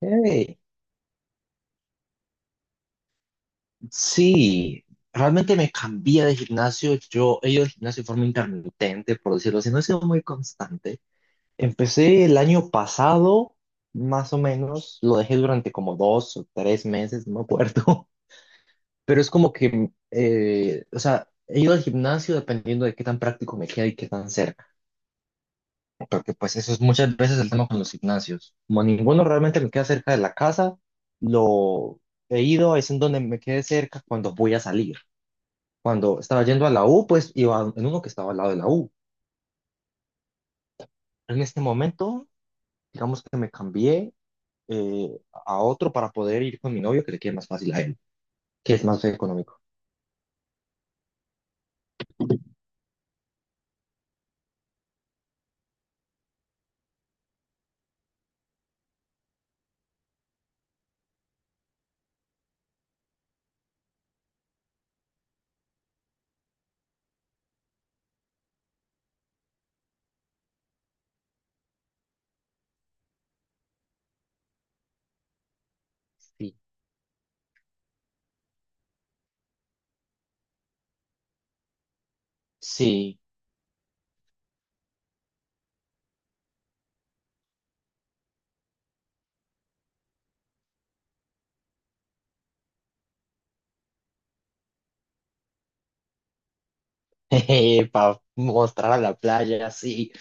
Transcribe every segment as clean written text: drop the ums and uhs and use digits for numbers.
Hey, sí, realmente me cambié de gimnasio. Yo he ido al gimnasio de forma intermitente, por decirlo así, no he sido muy constante. Empecé el año pasado, más o menos, lo dejé durante como dos o tres meses, no me acuerdo. Pero es como que, o sea, he ido al gimnasio dependiendo de qué tan práctico me queda y qué tan cerca. ¿No? Porque pues eso es muchas veces el tema con los gimnasios. Como ninguno realmente me queda cerca de la casa, lo he ido, es en donde me quede cerca cuando voy a salir. Cuando estaba yendo a la U, pues iba en uno que estaba al lado de la U. En este momento, digamos que me cambié a otro para poder ir con mi novio, que le quede más fácil a él, que es más económico. Sí. Sí, para mostrar a la playa, sí.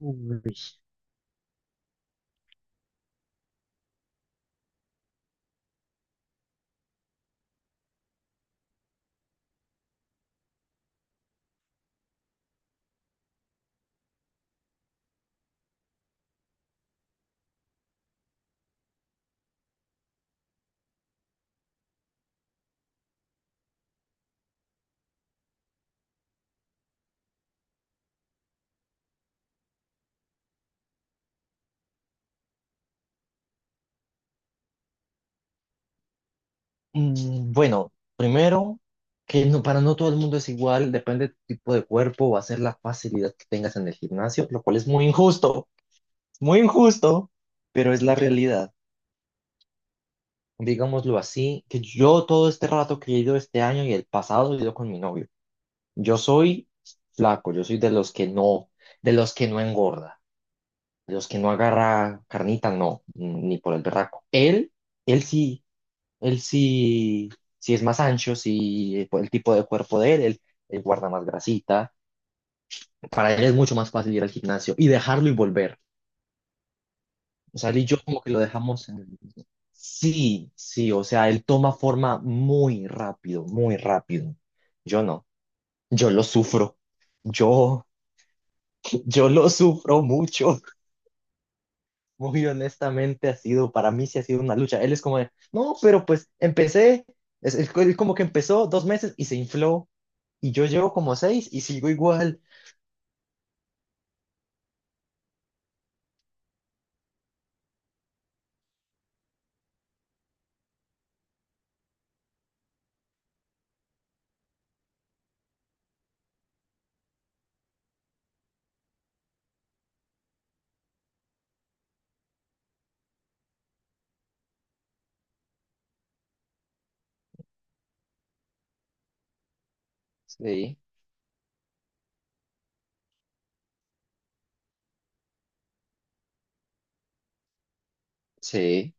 Uy. Mm. Bueno, primero, que no, para no todo el mundo es igual, depende de tu tipo de cuerpo, va a ser la facilidad que tengas en el gimnasio, lo cual es muy injusto, pero es la realidad. Digámoslo así, que yo todo este rato que he ido este año y el pasado he ido con mi novio. Yo soy flaco, yo soy de los que no, de los que no engorda, de los que no agarra carnita, no, ni por el berraco. Él, él sí, él sí, sí es más ancho, sí, por el tipo de cuerpo de él, él guarda más grasita. Para él es mucho más fácil ir al gimnasio y dejarlo y volver. O sea, él y yo como que lo dejamos. Sí, sí, o sea, él toma forma muy rápido, muy rápido. Yo no, yo lo sufro. Yo, yo lo sufro mucho. Muy honestamente ha sido, para mí sí ha sido una lucha. Él es como de, no, pero pues empecé, él como que empezó dos meses y se infló. Y yo llevo como seis y sigo igual. Sí, sí.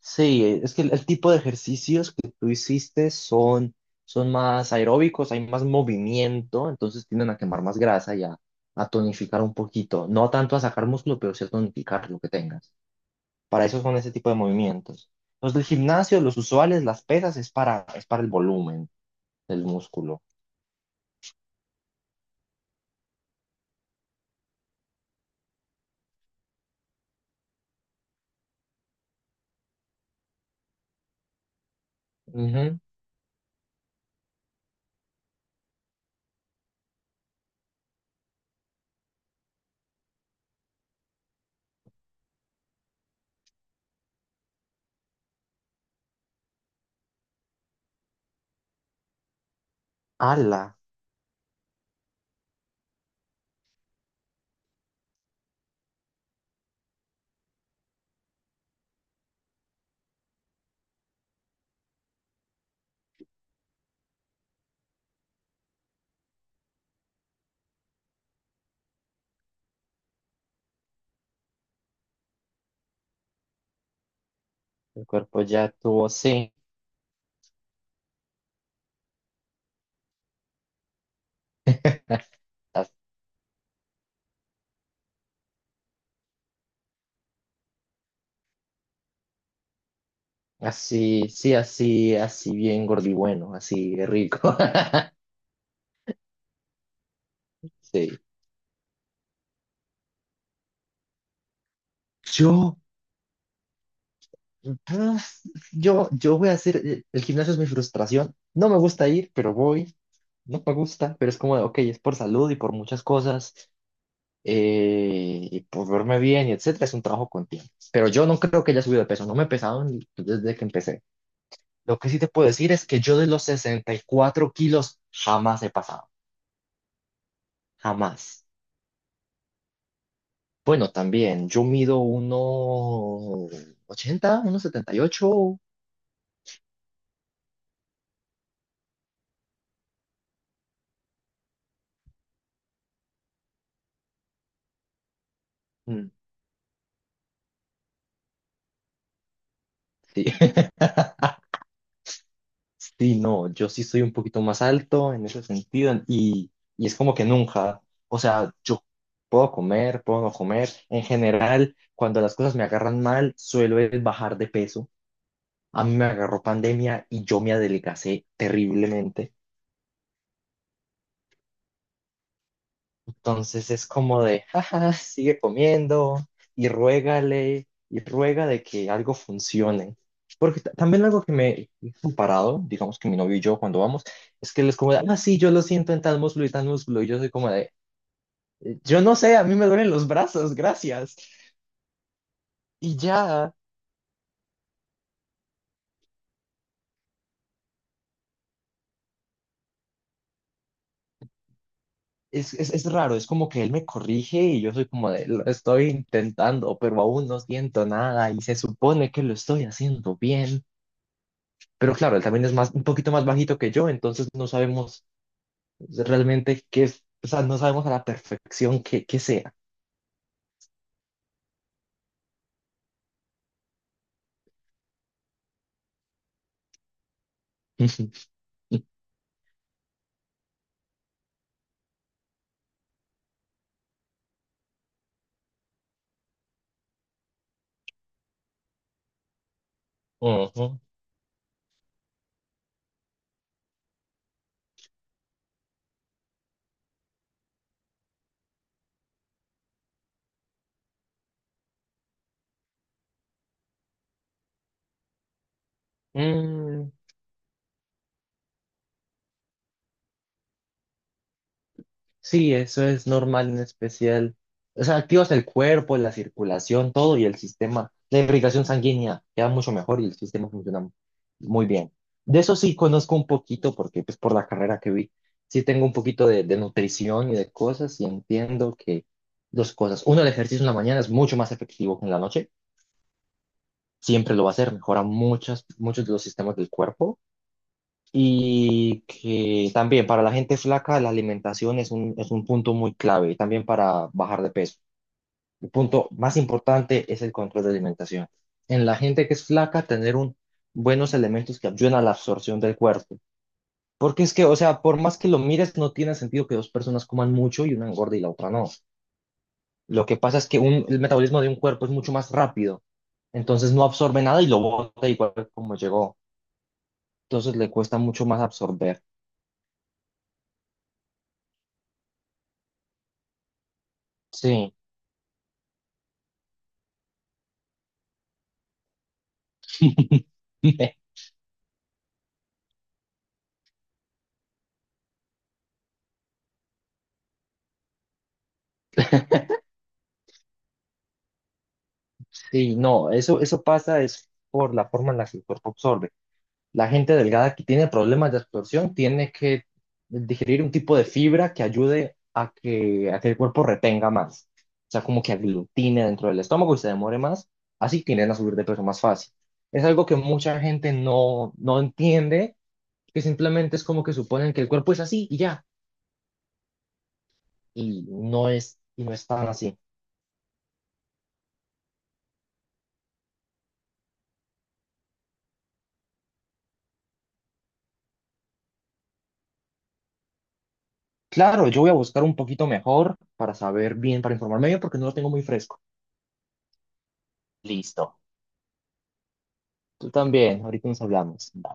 Sí, es que el tipo de ejercicios que tú hiciste son, son más aeróbicos, hay más movimiento, entonces tienden a quemar más grasa y a tonificar un poquito. No tanto a sacar músculo, pero sí a tonificar lo que tengas. Para eso son ese tipo de movimientos. Los del gimnasio, los usuales, las pesas, es para el volumen del músculo. Ujú. Ala, el cuerpo ya tuvo, sí, as- así, sí, así, así bien gordibueno, así rico. Sí. Yo. Pues, yo voy a hacer, el gimnasio es mi frustración. No me gusta ir, pero voy. No me gusta, pero es como de, ok, es por salud y por muchas cosas, y por verme bien y etcétera. Es un trabajo con tiempo. Pero yo no creo que haya subido de peso. No me he pesado desde que empecé. Lo que sí te puedo decir es que yo de los 64 kilos jamás he pasado. Jamás. Bueno, también, yo mido 1,80, 1,78. mm, Sí. Sí, no, yo sí soy un poquito más alto en ese sentido y es como que nunca, o sea, yo puedo comer, puedo no comer. En general, cuando las cosas me agarran mal, suelo es bajar de peso. A mí me agarró pandemia y yo me adelgacé terriblemente. Entonces es como de, jaja, sigue comiendo y ruégale y ruega de que algo funcione. Porque también algo que me he comparado, digamos que mi novio y yo cuando vamos, es que él es como de, ah, sí, yo lo siento en tal músculo. Y yo soy como de, yo no sé, a mí me duelen los brazos, gracias. Y ya, es raro, es como que él me corrige y yo soy como de, lo estoy intentando, pero aún no siento nada y se supone que lo estoy haciendo bien. Pero claro, él también es más, un poquito más bajito que yo, entonces no sabemos realmente qué es, o sea, no sabemos a la perfección qué, qué sea. Ujú. Mm. Sí, eso es normal en especial. O sea, activas el cuerpo, la circulación, todo y el sistema. La irrigación sanguínea queda mucho mejor y el sistema funciona muy bien. De eso sí conozco un poquito porque pues por la carrera que vi, sí tengo un poquito de nutrición y de cosas y entiendo que dos cosas. Uno, el ejercicio en la mañana es mucho más efectivo que en la noche. Siempre lo va a ser, mejora muchas, muchos de los sistemas del cuerpo. Y que también para la gente flaca la alimentación es un punto muy clave, y también para bajar de peso. El punto más importante es el control de alimentación. En la gente que es flaca, tener un, buenos elementos que ayuden a la absorción del cuerpo. Porque es que, o sea, por más que lo mires, no tiene sentido que dos personas coman mucho y una engorde y la otra no. Lo que pasa es que el metabolismo de un cuerpo es mucho más rápido, entonces no absorbe nada y lo bota igual como llegó. Entonces le cuesta mucho más absorber. Sí. Sí, no, eso pasa es por la forma en la que el cuerpo absorbe. La gente delgada que tiene problemas de absorción tiene que digerir un tipo de fibra que ayude a que el cuerpo retenga más. O sea, como que aglutine dentro del estómago y se demore más. Así tienden a subir de peso más fácil. Es algo que mucha gente no, no entiende, que simplemente es como que suponen que el cuerpo es así y ya. Y no es tan así. Claro, yo voy a buscar un poquito mejor para saber bien, para informarme bien, porque no lo tengo muy fresco. Listo. Tú también. Ahorita nos hablamos. Bye.